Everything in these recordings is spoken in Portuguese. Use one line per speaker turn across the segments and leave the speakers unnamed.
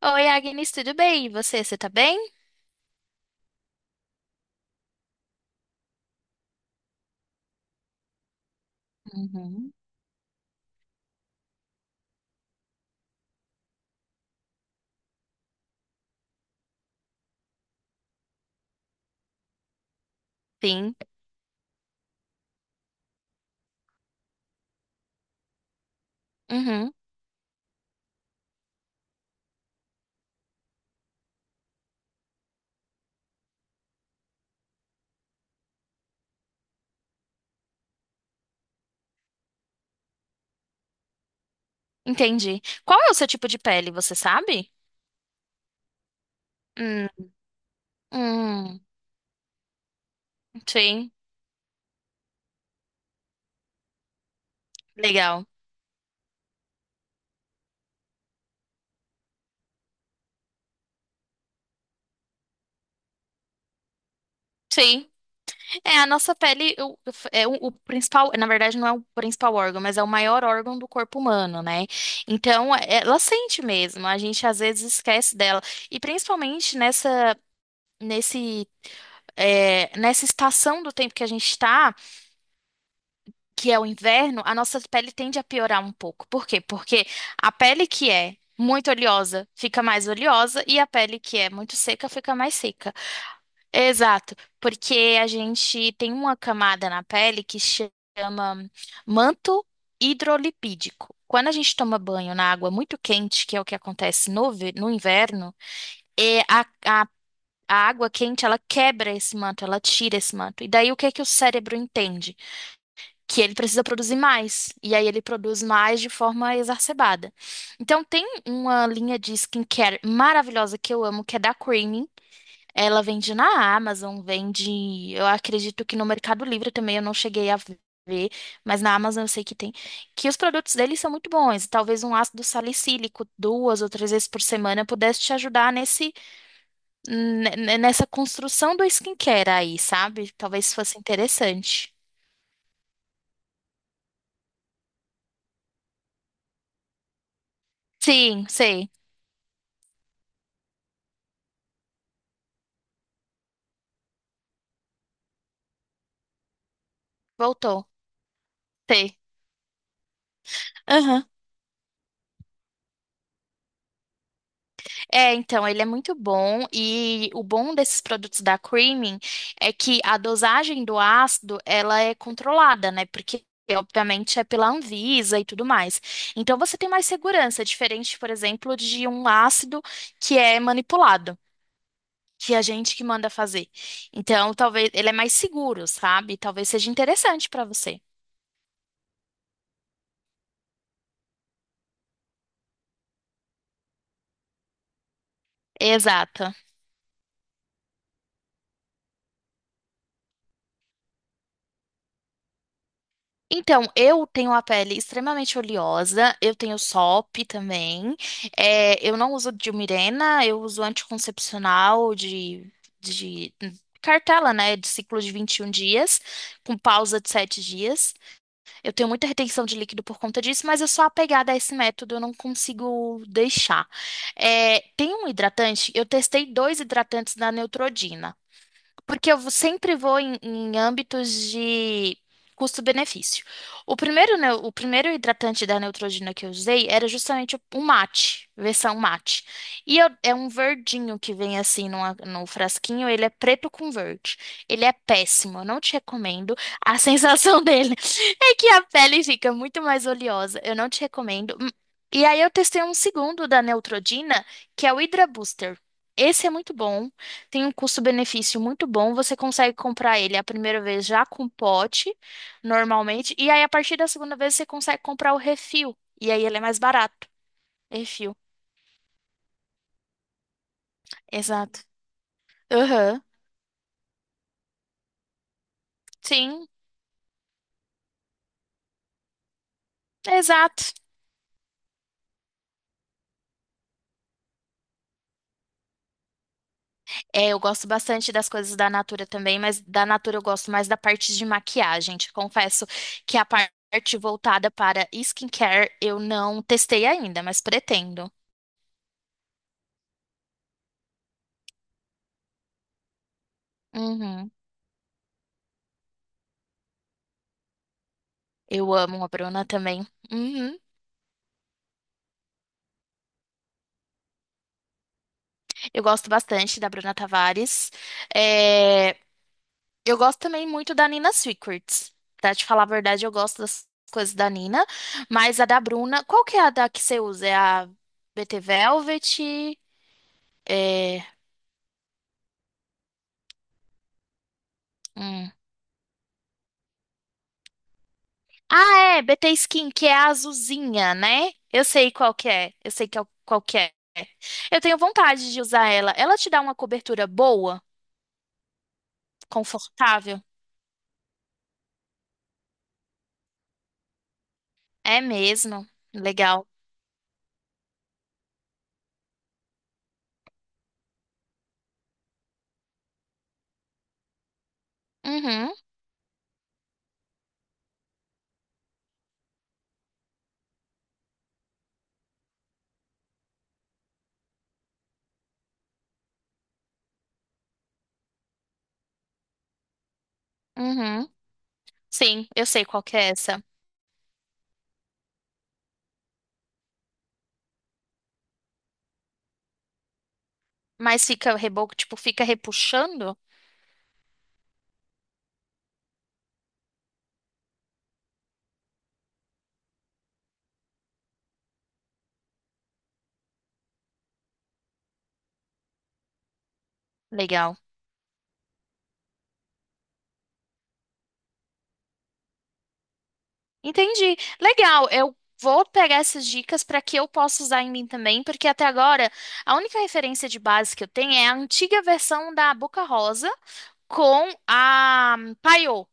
Oi, Agnes, tudo bem? E você tá bem? Uhum. Sim. Uhum, entendi. Qual é o seu tipo de pele, você sabe? Hum, hum, sim. Legal. Sim. É, a nossa pele é o principal, na verdade não é o principal órgão, mas é o maior órgão do corpo humano, né? Então, ela sente mesmo, a gente às vezes esquece dela. E principalmente nesse, nessa estação do tempo que a gente tá. Que é o inverno, a nossa pele tende a piorar um pouco. Por quê? Porque a pele que é muito oleosa fica mais oleosa e a pele que é muito seca fica mais seca. Exato, porque a gente tem uma camada na pele que chama manto hidrolipídico. Quando a gente toma banho na água muito quente, que é o que acontece no inverno, é a, a, a água quente ela quebra esse manto, ela tira esse manto. E daí o que é que o cérebro entende? Que ele precisa produzir mais. E aí ele produz mais de forma exacerbada. Então tem uma linha de skincare maravilhosa que eu amo, que é da Creaming. Ela vende na Amazon, vende, eu acredito que no Mercado Livre também eu não cheguei a ver, mas na Amazon eu sei que tem, que os produtos deles são muito bons. Talvez um ácido salicílico duas ou três vezes por semana pudesse te ajudar nesse nessa construção do skincare aí, sabe? Talvez fosse interessante. Sim, sei. Voltou. Sei. Aham. É, então, ele é muito bom e o bom desses produtos da Creaming é que a dosagem do ácido, ela é controlada, né? Porque obviamente é pela Anvisa e tudo mais. Então você tem mais segurança, diferente, por exemplo, de um ácido que é manipulado. Que é a gente que manda fazer. Então, talvez ele é mais seguro, sabe? Talvez seja interessante para você. Exato. Então, eu tenho a pele extremamente oleosa, eu tenho SOP também. É, eu não uso diumirena, eu uso anticoncepcional de cartela, né? De ciclo de 21 dias, com pausa de 7 dias. Eu tenho muita retenção de líquido por conta disso, mas eu sou apegada a esse método, eu não consigo deixar. É, tem um hidratante, eu testei dois hidratantes da Neutrodina. Porque eu sempre vou em âmbitos de custo-benefício. O primeiro hidratante da Neutrogena que eu usei era justamente o mate, versão mate. É um verdinho que vem assim no frasquinho, ele é preto com verde. Ele é péssimo, eu não te recomendo. A sensação dele é que a pele fica muito mais oleosa, eu não te recomendo. Hum. E aí eu testei um segundo da Neutrogena, que é o Hydra Booster. Esse é muito bom. Tem um custo-benefício muito bom, você consegue comprar ele a primeira vez já com pote, normalmente, e aí a partir da segunda vez você consegue comprar o refil, e aí ele é mais barato. Refil, exato. Aham, sim, exato. É, eu gosto bastante das coisas da Natura também, mas da Natura eu gosto mais da parte de maquiagem. Te confesso que a parte voltada para skincare eu não testei ainda, mas pretendo. Uhum. Eu amo a Bruna também. Uhum. Eu gosto bastante da Bruna Tavares. É, eu gosto também muito da Nina Secrets. Pra te falar a verdade, eu gosto das coisas da Nina. Mas a da Bruna. Qual que é a da que você usa? É a BT Velvet? É, hum. Ah, é, BT Skin, que é a azulzinha, né? Eu sei qual que é. Eu sei que é qual que é. Eu tenho vontade de usar ela. Ela te dá uma cobertura boa, confortável. É mesmo. Legal. Uhum, uhum. Sim, eu sei qual que é essa. Mas fica reboco, tipo, fica repuxando? Legal. Entendi. Legal, eu vou pegar essas dicas para que eu possa usar em mim também, porque até agora a única referência de base que eu tenho é a antiga versão da Boca Rosa com a Paiô.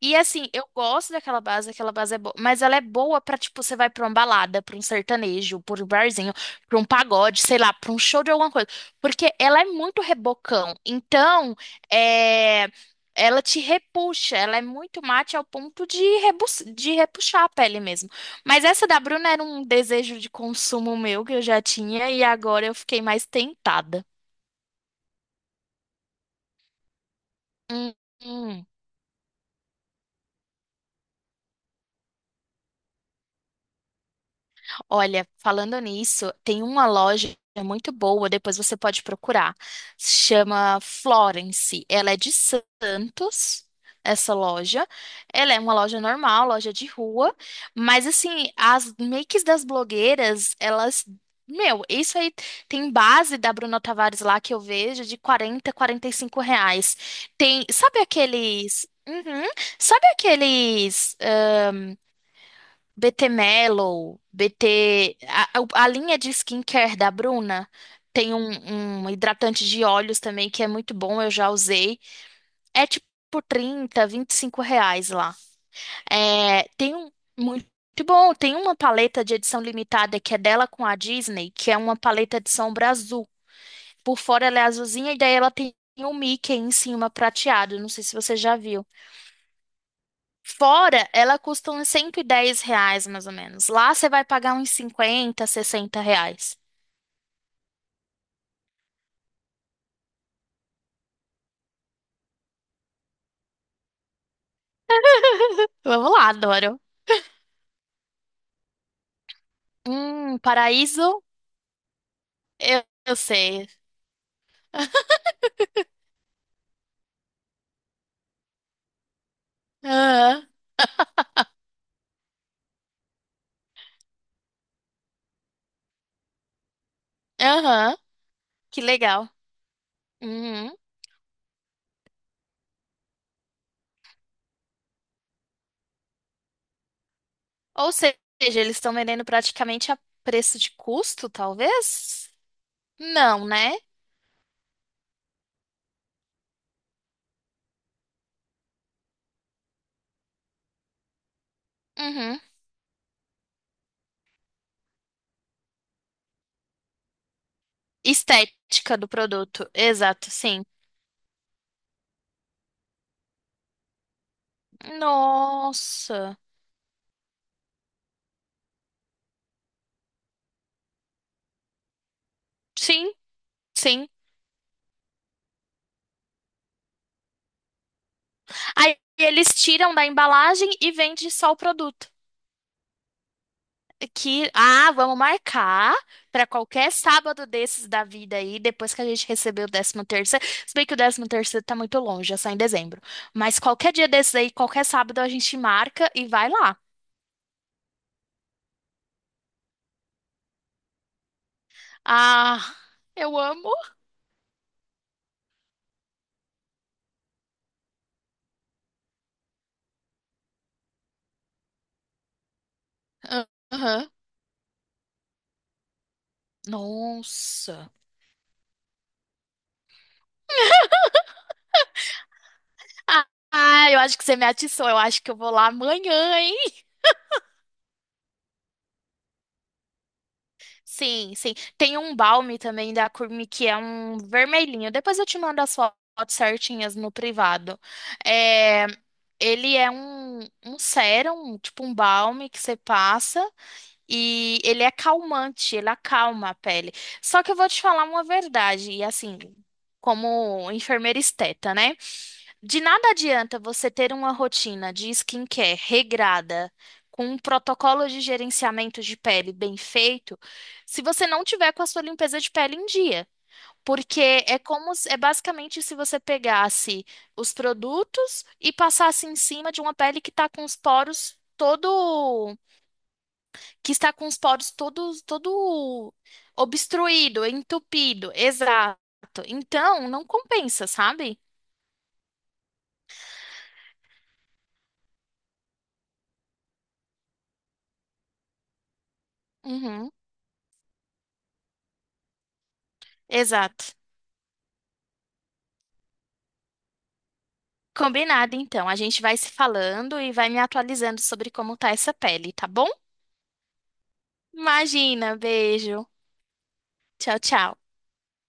E assim, eu gosto daquela base, aquela base é boa, mas ela é boa pra, tipo, você vai pra uma balada, pra um sertanejo, pra um barzinho, pra um pagode, sei lá, pra um show de alguma coisa, porque ela é muito rebocão. Então, é, ela te repuxa, ela é muito mate ao ponto de repuxar a pele mesmo. Mas essa da Bruna era um desejo de consumo meu que eu já tinha e agora eu fiquei mais tentada. Hum, hum. Olha, falando nisso, tem uma loja muito boa, depois você pode procurar. Se chama Florence. Ela é de Santos, essa loja. Ela é uma loja normal, loja de rua, mas assim, as makes das blogueiras, elas meu, isso aí tem base da Bruna Tavares lá que eu vejo de R$ 40, R$ 45. Tem, sabe aqueles. Uhum. Sabe aqueles BT Mellow, BT. A linha de skincare da Bruna tem um hidratante de olhos também que é muito bom, eu já usei. É tipo R$ 30, R$ 25 lá. É, tem um. Muito bom, tem uma paleta de edição limitada que é dela com a Disney, que é uma paleta de sombra azul. Por fora ela é azulzinha e daí ela tem um Mickey em cima prateado. Não sei se você já viu. Fora, ela custa uns R$ 110, mais ou menos. Lá você vai pagar uns R$ 50, R$ 60. Vamos lá, adoro. Paraíso, eu sei. Aham, aham, que legal. Uhum. Ou seja, eles estão vendendo praticamente a preço de custo, talvez? Não, né? Uhum. Estética do produto, exato, sim. Nossa. Sim, sim. Aí eles tiram da embalagem e vende só o produto. Que, ah, vamos marcar para qualquer sábado desses da vida aí, depois que a gente receber o décimo terceiro. Se bem que o décimo terceiro tá muito longe, é só em dezembro. Mas qualquer dia desses aí, qualquer sábado a gente marca e vai lá. Ah, eu amo. Aham. Nossa. Ah, ah, eu acho que você me atiçou. Eu acho que eu vou lá amanhã, hein? Sim, sim. Tem um balme também da Curmi que é um vermelhinho. Depois eu te mando as fotos certinhas no privado. É, ele é um sérum, tipo um balme que você passa e ele é calmante, ele acalma a pele. Só que eu vou te falar uma verdade, e assim, como enfermeira esteta, né? De nada adianta você ter uma rotina de skincare regrada, com um protocolo de gerenciamento de pele bem feito, se você não tiver com a sua limpeza de pele em dia. Porque é como, é basicamente se você pegasse os produtos e passasse em cima de uma pele que está com os poros todo, que está com os poros todos, todo obstruído, entupido, exato. Então, não compensa, sabe? Uhum, exato. Combinado, então. A gente vai se falando e vai me atualizando sobre como tá essa pele, tá bom? Imagina, beijo. Tchau, tchau.